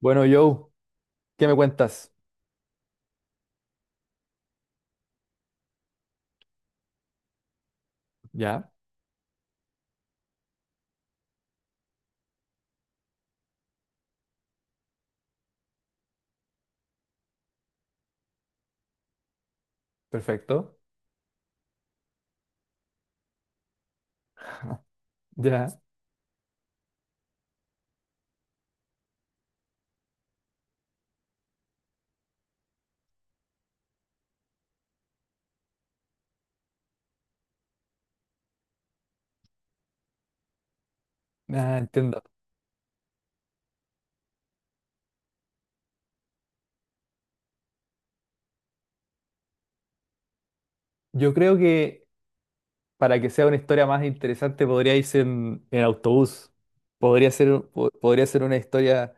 Bueno, Joe, ¿qué me cuentas? Ya, perfecto. Ya, ah, entiendo. Yo creo que para que sea una historia más interesante podría irse en autobús. Podría ser, podría ser una historia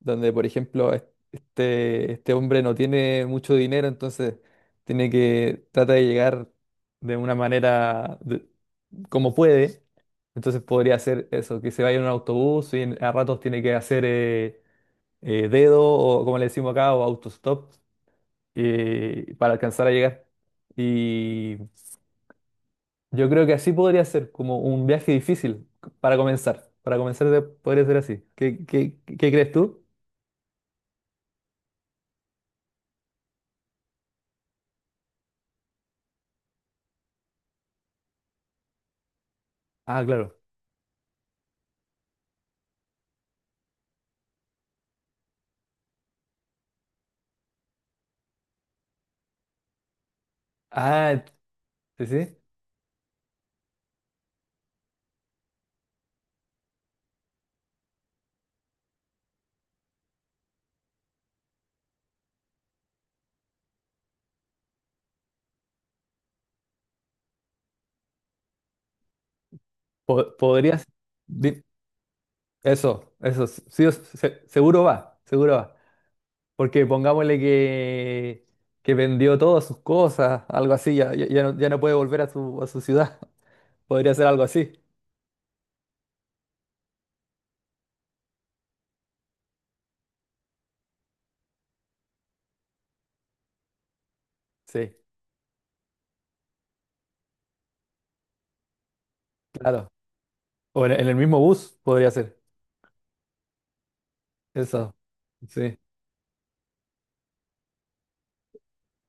donde, por ejemplo, este hombre no tiene mucho dinero, entonces tiene que trata de llegar de una manera de- como puede. Entonces podría ser eso, que se vaya en un autobús y a ratos tiene que hacer dedo o como le decimos acá, o autostop, para alcanzar a llegar. Y yo creo que así podría ser, como un viaje difícil para comenzar. Para comenzar podría ser así. Qué crees tú? Ah, claro. Ah, sí, sí. Po- podrías... di- Eso, eso, sí, o seguro va, seguro va. Porque pongámosle que vendió todas sus cosas, algo así, ya no puede volver a a su ciudad. Podría ser algo así. Sí. Claro. O en el mismo bus podría ser. Eso. Sí,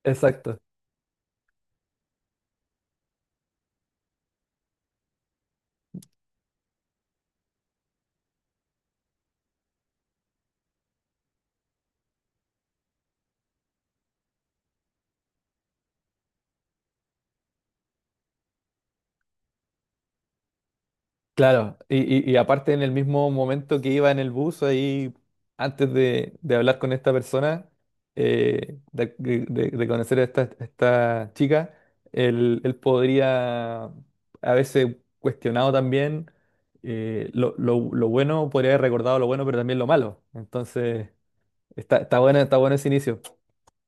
exacto. Claro. Y, y aparte en el mismo momento que iba en el bus, ahí, antes de hablar con esta persona, de conocer a esta chica, él podría, a veces cuestionado también, lo bueno, podría haber recordado lo bueno, pero también lo malo. Entonces, está bueno ese inicio.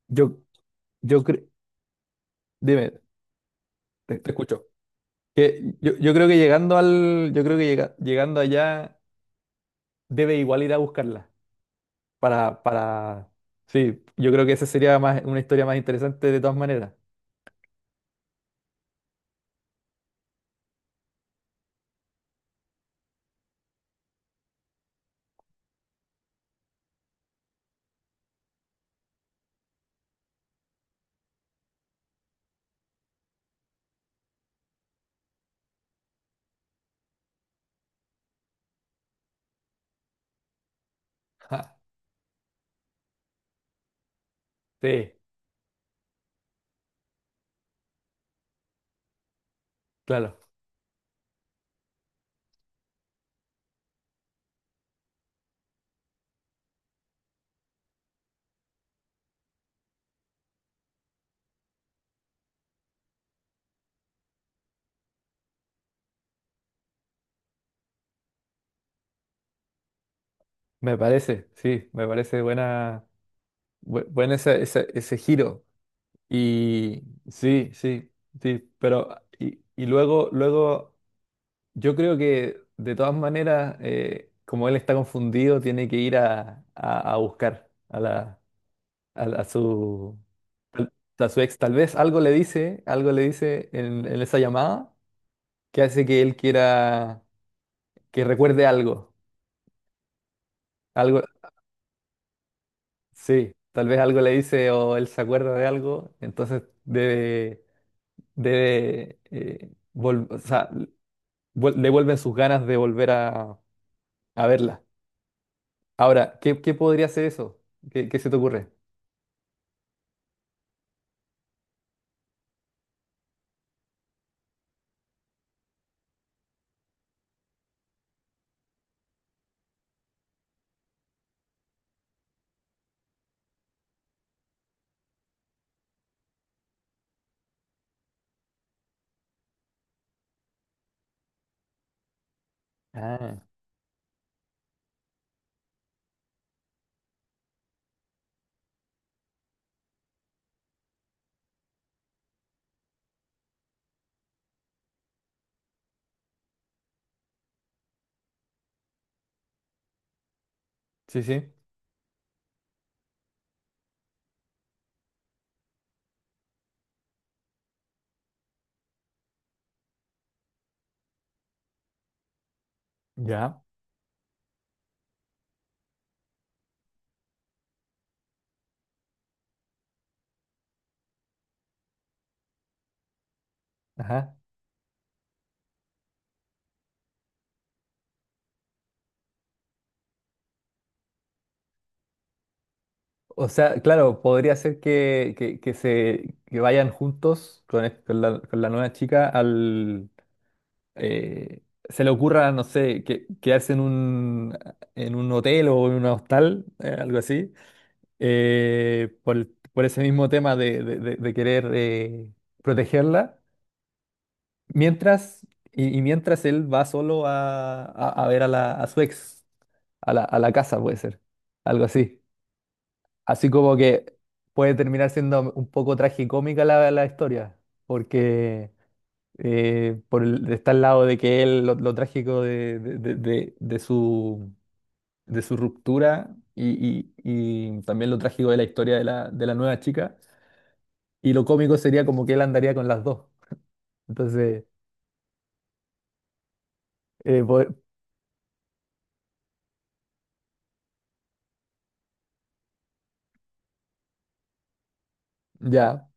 Yo, yo cre- Dime, te escucho. Que yo creo que llegando al, yo creo que llega- llegando allá debe igual ir a buscarla para, para, sí, yo creo que esa sería más, una historia más interesante de todas maneras. Ja, sí, claro, me parece, sí, me parece buena, buen ese giro y sí, sí, sí, pero y, luego, yo creo que de todas maneras, como él está confundido, tiene que ir a buscar a a su tal- a su ex. Tal vez algo le dice en esa llamada que hace que él quiera que recuerde algo, algo, sí, tal vez algo le dice o él se acuerda de algo, entonces o sea, le vuelven sus ganas de volver a verla. Ahora, qué podría ser eso? Qué se te ocurre? Ah, sí, sí. Ya. Ajá. O sea, claro, podría ser que se que vayan juntos con, con la nueva chica al eh, se le ocurra, no sé, que, quedarse en un hotel o en un hostal, algo así, eh, por, el- por ese mismo tema de querer protegerla, mientras y mientras él va solo a ver a la a su ex, a la casa, puede ser, algo así. Así como que puede terminar siendo un poco tragicómica la historia, porque está al lado de que él, lo trágico de su ruptura y también lo trágico de la historia de de la nueva chica, y lo cómico sería como que él andaría con las dos. Entonces, eh, po- ya,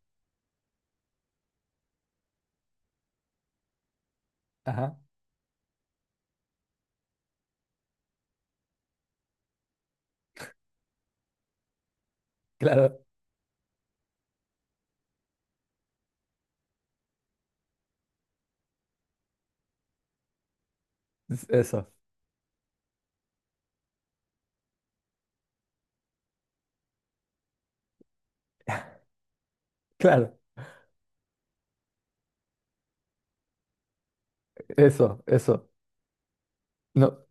ajá, claro, eso, claro, eso, no,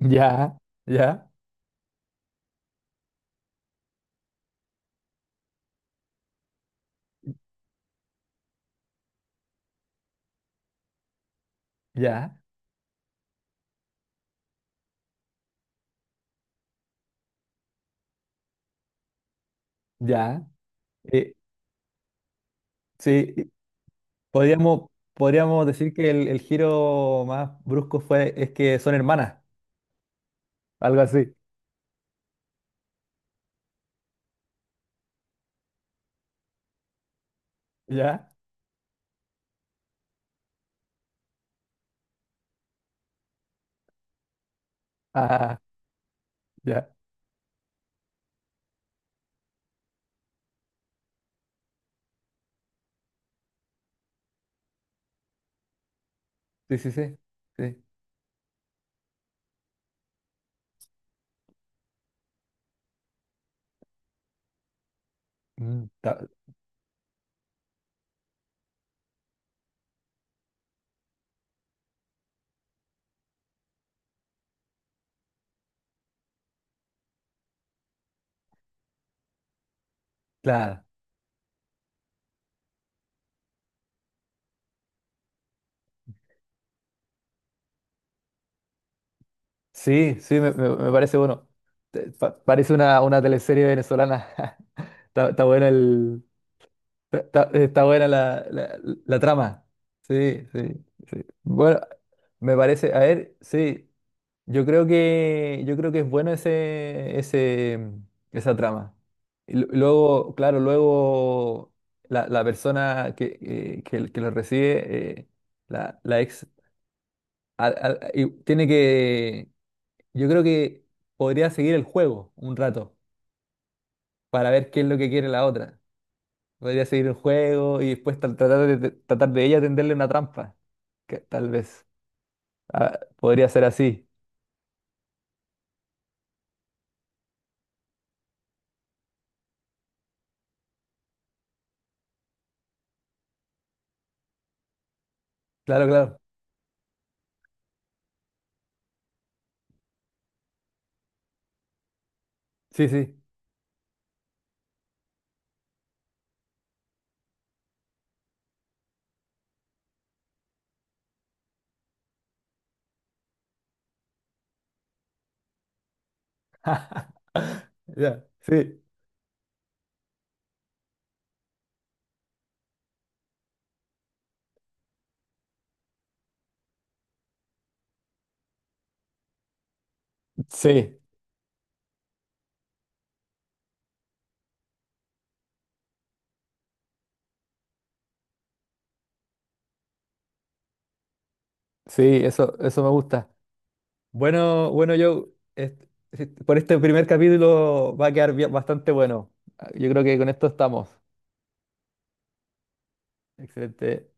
ya, ya, ya, ya, eh, sí. Podríamos, podríamos decir que el giro más brusco fue es que son hermanas, algo así. ¿Ya? Ah, ya. Sí, sí, sí. Sí. Mm, ta- claro. Sí, sí, me, me parece bueno. Parece una teleserie venezolana. Está, está buena el, está buena la trama. Sí, sí, sí. Bueno, me parece, a ver, sí. Yo creo que es bueno ese, mm, esa trama. Y luego, claro, luego la, la persona que, que lo recibe, la, la ex, y tiene que, yo creo que podría seguir el juego un rato para ver qué es lo que quiere la otra. Podría seguir el juego y después tratar tratar de ella tenderle una trampa, que tal vez. Ah, podría ser así. Claro, claro. Sí, sí. Ya, sí. Sí, sí, eso me gusta. Bueno, bueno, yo por este primer capítulo va a quedar bastante bueno. Ah, yo creo que con esto estamos. Excelente.